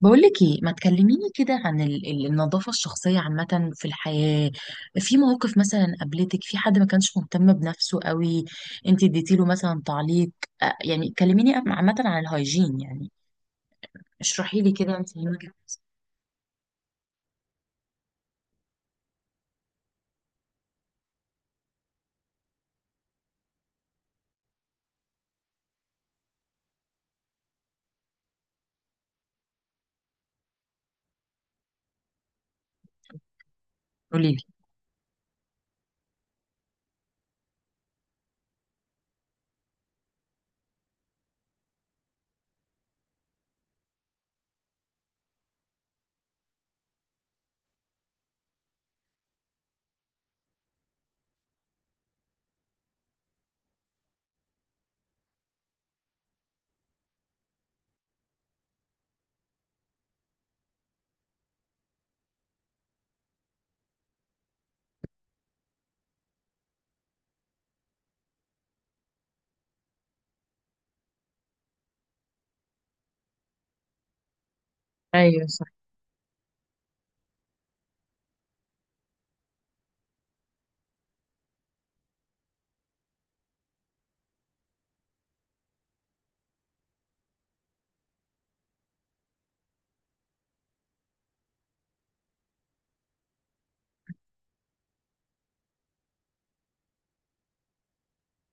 بقولك ايه، ما تكلميني كده عن النظافة الشخصية عامة في الحياة؟ في مواقف مثلا قابلتك في، حد ما كانش مهتم بنفسه قوي؟ انت اديتيله مثلا تعليق؟ يعني كلميني عامة عن الهيجين يعني. اشرحي لي كده انت من وجهة نظرك. قولي لي. ايوه، صح،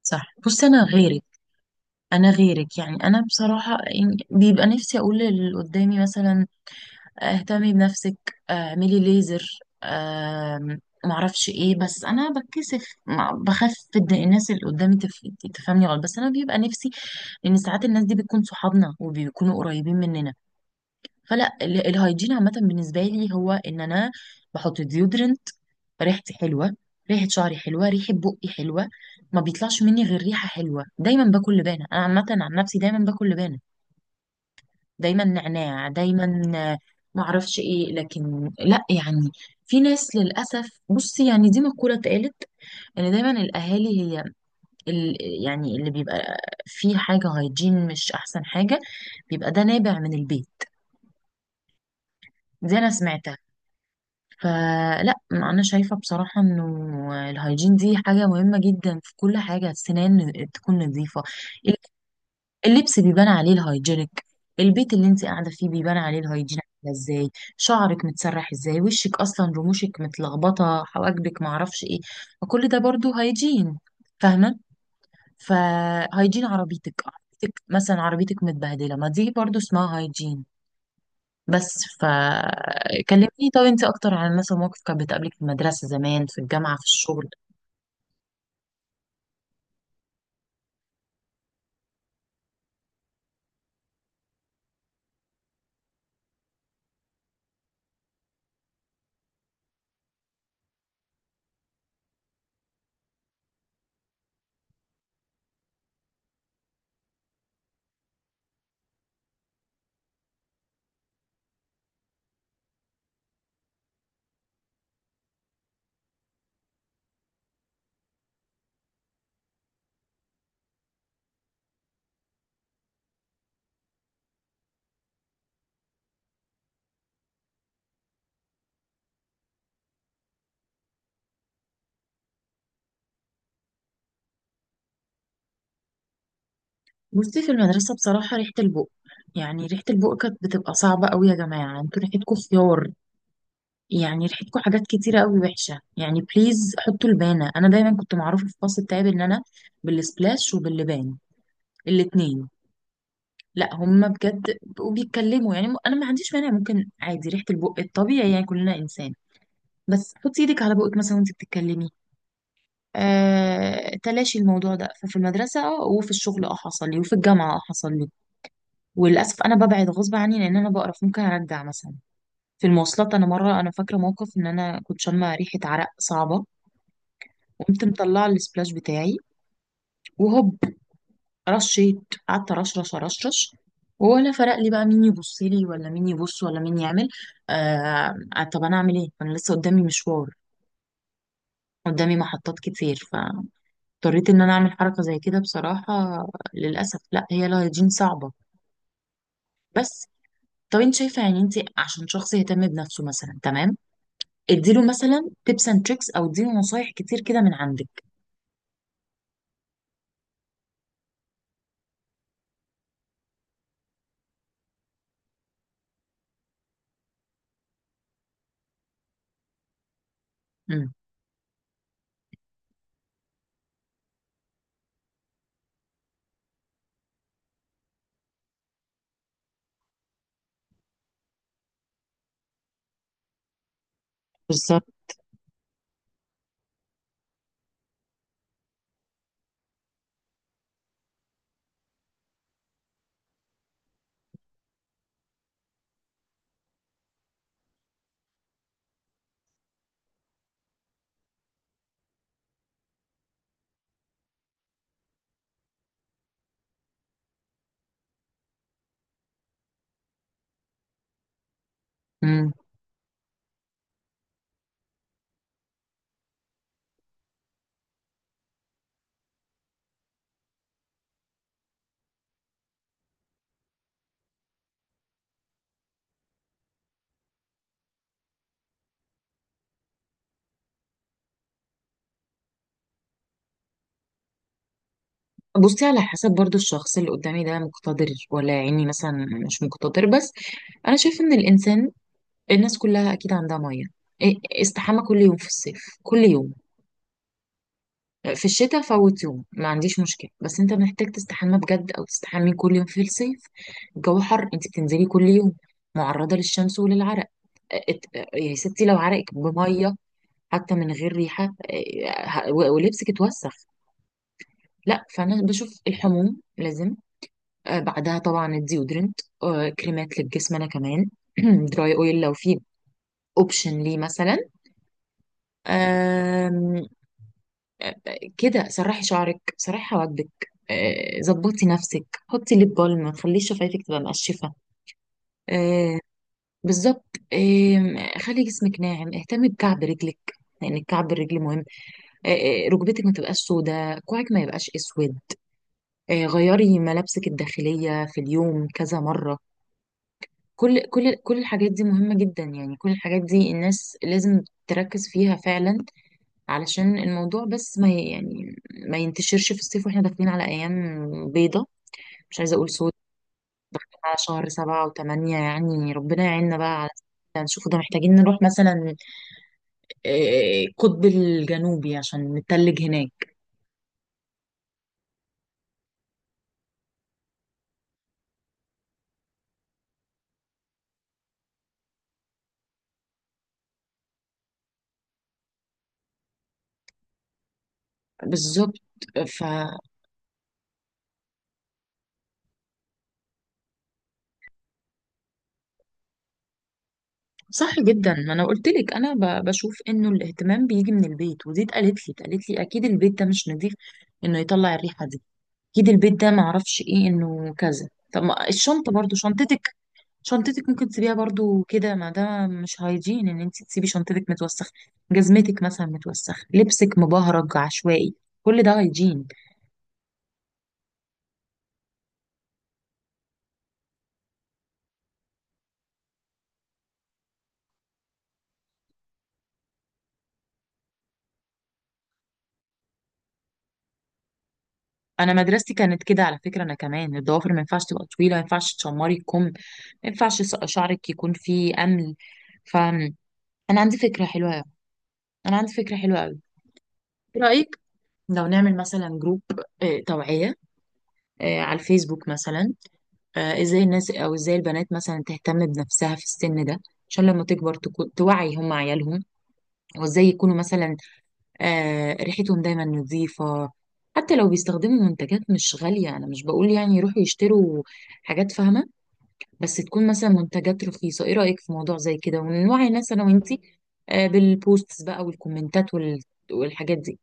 صح. بصي انا غيرك. انا غيرك يعني، انا بصراحة يعني بيبقى نفسي اقول اللي قدامي مثلا، اهتمي بنفسك، اعملي ليزر. معرفش ايه، بس انا بتكسف، بخاف إن الناس اللي قدامي تفهمني غلط، بس انا بيبقى نفسي. لان ساعات الناس دي بتكون صحابنا وبيكونوا قريبين مننا. فلا، الهيجين عامة بالنسبة لي هو ان انا بحط ديودرنت، ريحتي حلوة، ريحة شعري حلوة، ريحة بقي حلوة. ما بيطلعش مني غير ريحة حلوة. دايما باكل لبانة، انا عامة عن نفسي دايما باكل لبانة، دايما نعناع دايما. معرفش ايه، لكن لا يعني. في ناس للأسف، بصي يعني دي مقولة اتقالت، ان دايما الاهالي هي ال يعني اللي بيبقى فيه حاجه هايجين مش احسن حاجه، بيبقى ده نابع من البيت. دي انا سمعتها. فلا انا شايفه بصراحه انه الهايجين دي حاجه مهمه جدا في كل حاجه. السنان تكون نظيفه، اللبس بيبان عليه الهايجينك، البيت اللي انت قاعده فيه بيبان عليه الهايجين، عامله ازاي، شعرك متسرح ازاي، وشك اصلا، رموشك متلخبطه، حواجبك، معرفش ايه. وكل ده برضو هايجين، فاهمه؟ فهايجين عربيتك مثلا، عربيتك متبهدله، ما دي برضو اسمها هايجين. بس فكلمني، طب انت اكتر عن مثلا موقف كان بتقابلك في المدرسه زمان، في الجامعه، في الشغل. بصي في المدرسه بصراحه ريحه البق، يعني ريحه البق كانت بتبقى صعبه قوي. يا جماعه انتوا ريحتكم خيار، يعني ريحتكم حاجات كتيرة قوي وحشة، يعني بليز حطوا لبانة. أنا دايما كنت معروفة في الفصل بتاعي بإن أنا بالسبلاش وباللبان الاتنين. لا هما بجد بقوا بيتكلموا يعني، أنا ما عنديش مانع، ممكن عادي ريحة البق الطبيعي، يعني كلنا إنسان، بس حطي إيدك على بقك مثلا وأنت بتتكلمي. تلاشي الموضوع ده. ففي المدرسة وفي الشغل حصل لي، وفي الجامعة حصل لي. وللأسف أنا ببعد غصب عني لأن أنا بقرف، ممكن أرجع مثلا. في المواصلات أنا مرة، أنا فاكرة موقف إن أنا كنت شامة ريحة عرق صعبة، وقمت مطلعه السبلاش بتاعي، وهوب، رشيت، قعدت رشرش رشرش، ولا فرق لي بقى مين يبص لي ولا مين يبص ولا مين يعمل. طب انا اعمل ايه؟ انا لسه قدامي مشوار، قدامي محطات كتير، فاضطريت ان انا اعمل حركه زي كده بصراحه. للاسف، لا، هي الهيجين صعبه. بس طب انت شايفه يعني انت عشان شخص يهتم بنفسه مثلا، تمام، اديله مثلا تيبس اند تريكس، او اديله نصايح كتير كده من عندك. امم. بالظبط. بصي على حسب برضو الشخص اللي قدامي ده مقتدر ولا يعني مثلا مش مقتدر، بس انا شايف ان الانسان، الناس كلها اكيد عندها ميه. استحمى كل يوم في الصيف، كل يوم في الشتاء فوت يوم ما عنديش مشكله، بس انت محتاج تستحمى بجد، او تستحمي كل يوم في الصيف. الجو حر، انت بتنزلي كل يوم، معرضه للشمس وللعرق، ات- يا ستي لو عرقك بميه حتى من غير ريحه، ولبسك اتوسخ. لا، فانا بشوف الحموم لازم. بعدها طبعا الديودرنت، كريمات للجسم، انا كمان دراي اويل لو في اوبشن ليه مثلا. آم، آه، كده سرحي شعرك، سرحي حواجبك، ظبطي نفسك، حطي ليب بالم، ما تخليش شفايفك تبقى مقشفه. آه، بالظبط. خلي جسمك ناعم، اهتمي بكعب رجلك، لان الكعب الرجل مهم. آه، ركبتك ما تبقاش سوداء، كوعك ما يبقاش اسود. غيري ملابسك الداخليه في اليوم كذا مره. كل الحاجات دي مهمة جدا، يعني كل الحاجات دي الناس لازم تركز فيها فعلا، علشان الموضوع بس ما يعني ما ينتشرش في الصيف، واحنا داخلين على أيام بيضة، مش عايزة أقول سود، على شهر 7 و8، يعني ربنا يعيننا بقى على، ده نشوفه، ده محتاجين نروح مثلا القطب الجنوبي عشان نتلج هناك. بالظبط. فصح جدا. ما انا قلت لك، انا بشوف انه الاهتمام بيجي من البيت، ودي اتقالت لي، اكيد البيت ده مش نظيف انه يطلع الريحه دي، اكيد البيت ده معرفش ايه، انه كذا. طب ما الشنطه، برضو شنطتك، شنطتك ممكن تسيبيها برضو كده، ما ده مش هايجين ان انت تسيبي شنطتك متوسخه، جزمتك مثلا متوسخه، لبسك مبهرج عشوائي، كل ده هايجين. انا مدرستي كانت كده على فكره. انا كمان، الضوافر ما ينفعش تبقى طويله، ما ينفعش تشمري الكم، ما ينفعش شعرك يكون فيه امل. ف انا عندي فكره حلوه قوي. انا عندي فكره حلوه قوي ايه رايك؟ لو نعمل مثلا جروب، توعيه، على الفيسبوك مثلا. ازاي الناس، او ازاي البنات مثلا تهتم بنفسها في السن ده عشان لما تكبر تكون توعي هم عيالهم، وازاي يكونوا مثلا ريحتهم دايما نظيفة. حتى لو بيستخدموا منتجات مش غالية، انا مش بقول يعني يروحوا يشتروا حاجات، فاهمة؟ بس تكون مثلا منتجات رخيصة. ايه رأيك في موضوع زي كده، ونوعي الناس انا وانتي، بالبوستس بقى والكومنتات والحاجات دي.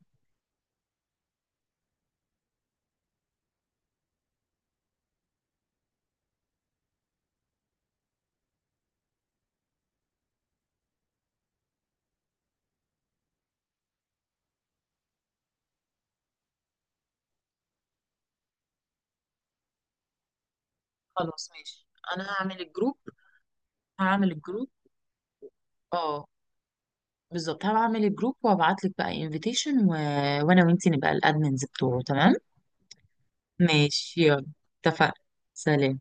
خلاص ماشي. انا هعمل الجروب. هعمل الجروب اه، بالظبط. هبعمل الجروب وابعت لك بقى انفيتيشن، وانا وانتي نبقى الادمنز بتوعه، تمام. ماشي، يلا. اتفقنا. سلام.